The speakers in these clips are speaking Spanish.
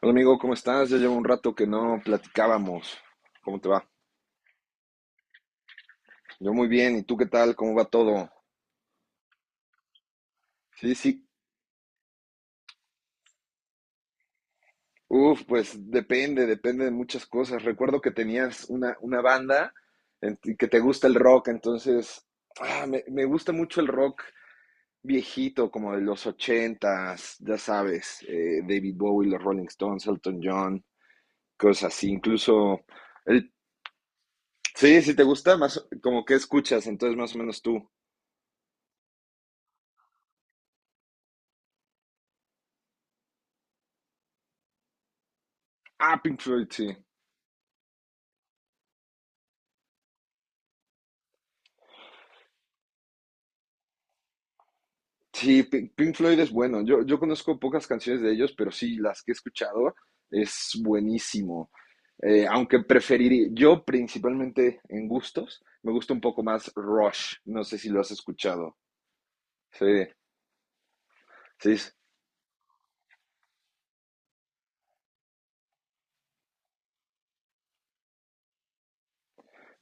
Hola amigo, ¿cómo estás? Ya llevo un rato que no platicábamos. ¿Cómo te va? Yo muy bien, ¿y tú qué tal? ¿Cómo va todo? Sí, sí. Uf, pues depende de muchas cosas. Recuerdo que tenías una banda en ti que te gusta el rock, entonces me gusta mucho el rock viejito, como de los ochentas, ya sabes, David Bowie, los Rolling Stones, Elton John, cosas así. Incluso, el, sí, si te gusta, más como que escuchas, entonces más o menos tú. Ah, Pink Floyd, sí. Sí, Pink Floyd es bueno. Yo conozco pocas canciones de ellos, pero sí, las que he escuchado es buenísimo. Aunque preferiría, yo principalmente en gustos, me gusta un poco más Rush. No sé si lo has escuchado. Sí, sí.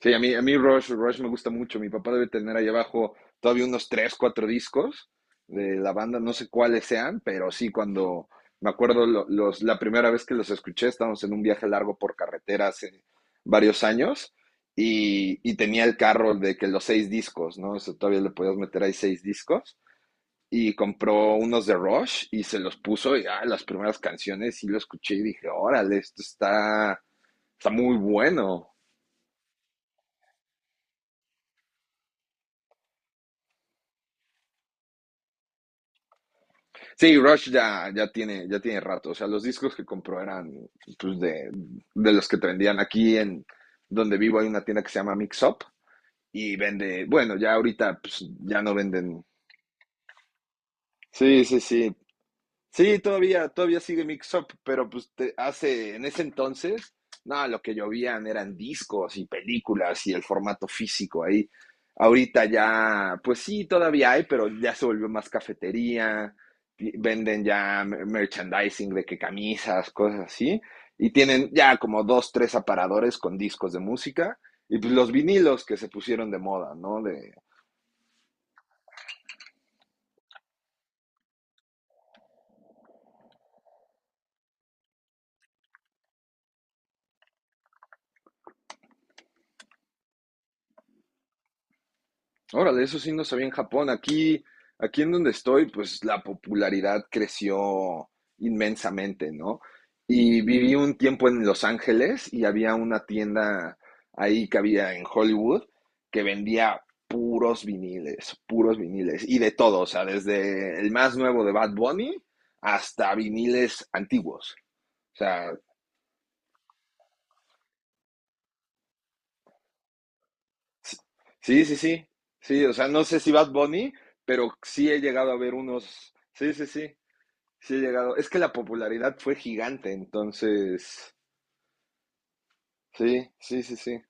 Sí, a mí Rush me gusta mucho. Mi papá debe tener ahí abajo todavía unos tres, cuatro discos de la banda, no sé cuáles sean, pero sí, cuando me acuerdo la primera vez que los escuché, estábamos en un viaje largo por carretera hace varios años y tenía el carro de que los seis discos, ¿no? O sea, todavía le podías meter ahí seis discos y compró unos de Rush y se los puso y ah, las primeras canciones y lo escuché y dije, órale, está muy bueno. Sí, Rush ya tiene rato. O sea, los discos que compró eran pues, de los que te vendían aquí en donde vivo hay una tienda que se llama Mix Up y vende, bueno, ya ahorita pues, ya no venden. Sí, sí, sí. Sí, todavía sigue Mix Up, pero pues hace, en ese entonces, no, lo que llovían eran discos y películas y el formato físico ahí. Ahorita ya, pues sí, todavía hay, pero ya se volvió más cafetería, y venden ya merchandising de que camisas, cosas así, y tienen ya como dos, tres aparadores con discos de música, y pues los vinilos que se pusieron de moda, ¿no? Órale, eso sí no sabía en Japón. Aquí en donde estoy, pues la popularidad creció inmensamente, ¿no? Y viví un tiempo en Los Ángeles y había una tienda ahí que había en Hollywood que vendía puros viniles y de todo, o sea, desde el más nuevo de Bad Bunny hasta viniles antiguos. O sea, sí, sí, sí, sí, o sea, no sé si Bad Bunny, pero sí he llegado a ver unos, sí, sí, sí. Sí he llegado. Es que la popularidad fue gigante, entonces. Sí, sí, sí, sí.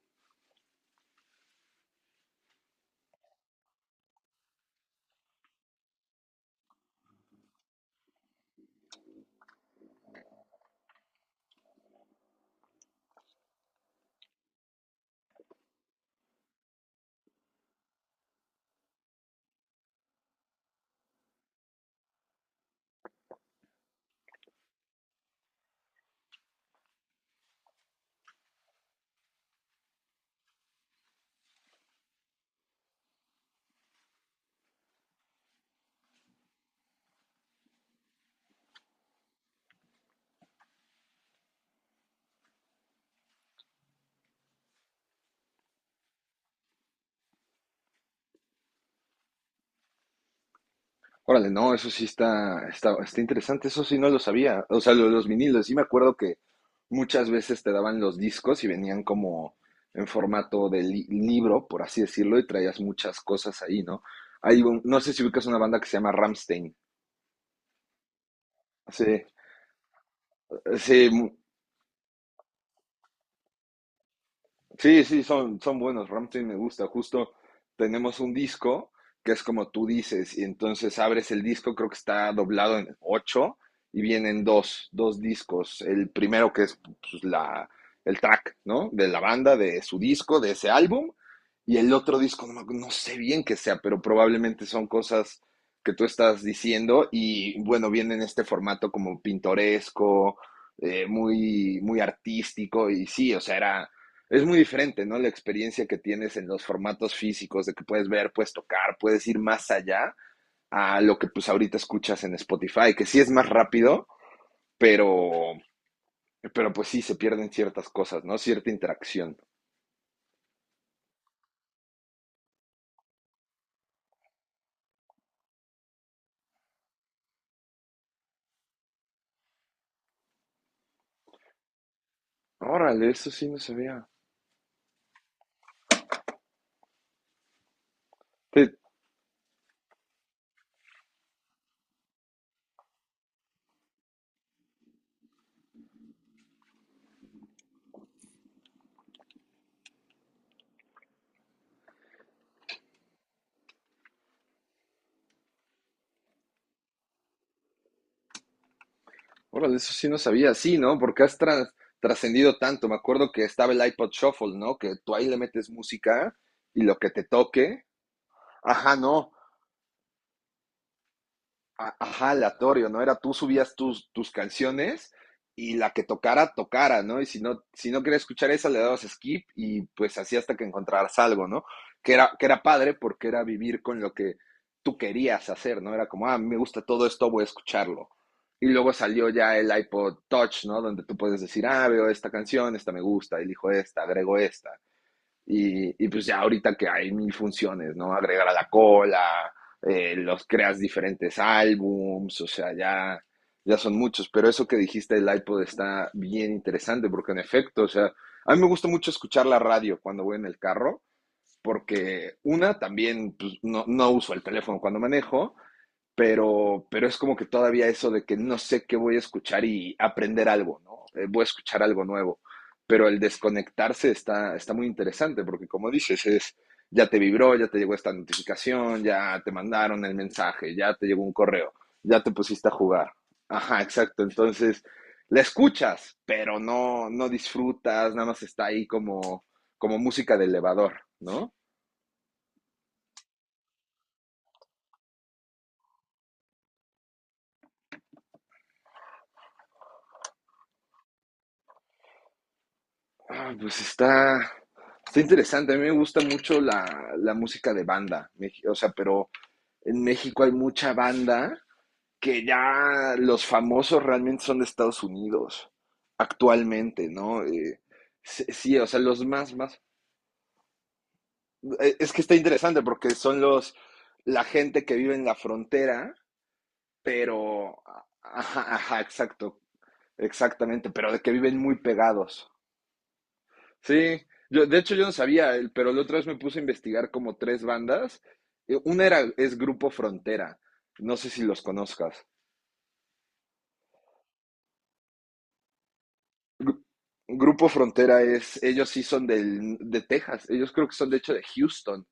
Órale, no, eso sí está interesante, eso sí no lo sabía. O sea, lo los vinilos, sí me acuerdo que muchas veces te daban los discos y venían como en formato de libro, por así decirlo, y traías muchas cosas ahí, ¿no? Hay un- no sé si ubicas una banda que se llama Ramstein. Sí, sí. Sí, sí, son buenos. Rammstein me gusta. Justo tenemos un disco que es como tú dices, y entonces abres el disco, creo que está doblado en ocho, y vienen dos discos. El primero que es pues, la, el track, ¿no? De la banda, de su disco, de ese álbum, y el otro disco, no, no sé bien qué sea, pero probablemente son cosas que tú estás diciendo, y bueno, viene en este formato como pintoresco, muy, muy artístico, y sí, o sea, era es muy diferente, ¿no? La experiencia que tienes en los formatos físicos, de que puedes ver, puedes tocar, puedes ir más allá a lo que pues ahorita escuchas en Spotify, que sí es más rápido, pero, pero pues sí se pierden ciertas cosas, ¿no? Cierta interacción. Órale, eso sí no sabía. Sí, órale, eso sí no sabía, sí, ¿no? Porque has trascendido tanto. Me acuerdo que estaba el iPod Shuffle, ¿no? Que tú ahí le metes música y lo que te toque. Ajá, no. Ajá, aleatorio, ¿no? Era tú subías tus canciones y la que tocara, tocara, ¿no? Y si no, querías escuchar esa, le dabas skip y pues así hasta que encontraras algo, ¿no? Que era padre porque era vivir con lo que tú querías hacer, ¿no? Era como, ah, me gusta todo esto, voy a escucharlo. Y luego salió ya el iPod Touch, ¿no? Donde tú puedes decir, ah, veo esta canción, esta me gusta, elijo esta, agrego esta. Y, pues ya ahorita que hay mil funciones, ¿no? Agregar a la cola, los creas diferentes álbums, o sea, ya, ya son muchos. Pero eso que dijiste del iPod está bien interesante, porque en efecto, o sea, a mí me gusta mucho escuchar la radio cuando voy en el carro, porque una, también pues, no, no uso el teléfono cuando manejo, pero es como que todavía eso de que no sé qué voy a escuchar y aprender algo, ¿no? Voy a escuchar algo nuevo. Pero el desconectarse está muy interesante porque como dices, es, ya te vibró, ya te llegó esta notificación, ya te mandaron el mensaje, ya te llegó un correo, ya te pusiste a jugar. Ajá, exacto. Entonces, la escuchas, pero no, no disfrutas, nada más está ahí como, como música de elevador, ¿no? Ah, pues está interesante. A mí me gusta mucho la música de banda. O sea, pero en México hay mucha banda que ya los famosos realmente son de Estados Unidos actualmente, ¿no? Sí, sí, o sea, los más, más. Es que está interesante porque son la gente que vive en la frontera, pero, ajá, ajá, exacto, exactamente, pero de que viven muy pegados. Sí, yo, de hecho yo no sabía, el- pero la otra vez me puse a investigar como tres bandas. Una era, es Grupo Frontera, no sé si los conozcas. Gru- Grupo Frontera es, ellos sí son del, de Texas, ellos creo que son de hecho de Houston.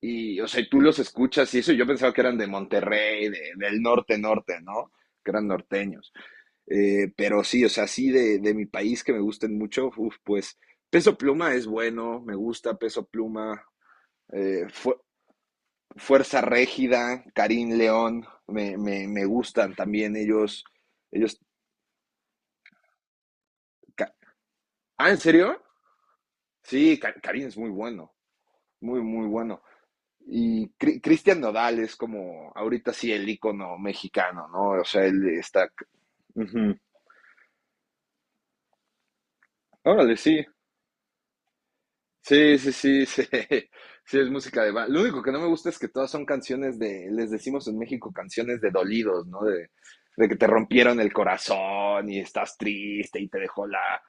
Y, o sea, y tú los escuchas y eso, yo pensaba que eran de Monterrey, de- del norte, norte, ¿no? Que eran norteños. Pero sí, o sea, sí de mi país que me gusten mucho, uf, pues Peso Pluma es bueno, me gusta Peso Pluma. Fue, Fuerza Régida, Karim León, me gustan también ellos. Ellos ah, ¿en serio? Sí, Karim es muy bueno, muy, muy bueno. Y Cristian Nodal es como ahorita sí el ícono mexicano, ¿no? O sea, él está... Uh -huh. Órale, sí. Sí. Sí, sí, sí, sí. Es música de... Lo único que no me gusta es que todas son canciones de... Les decimos en México canciones de dolidos, ¿no? De que te rompieron el corazón y estás triste y te dejó la,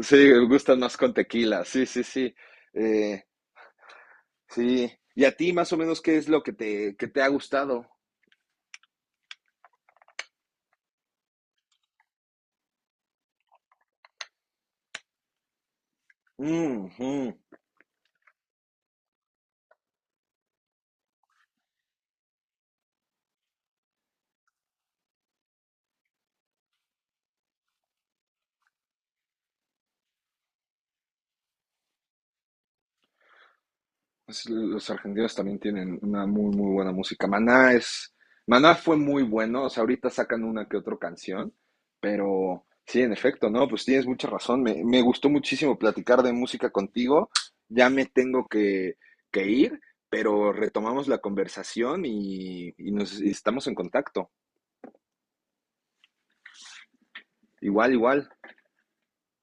sí, gustan más con tequila, sí, sí, sí. Eh, sí. ¿Y a ti más o menos qué es lo que te, ha gustado? Mm, mm. Es- los argentinos también tienen una muy, muy buena música. Maná es, Maná fue muy bueno, o sea, ahorita sacan una que otra canción, pero sí, en efecto, ¿no? Pues tienes mucha razón. Me gustó muchísimo platicar de música contigo. Ya me tengo que ir, pero retomamos la conversación y nos y estamos en contacto. Igual, igual.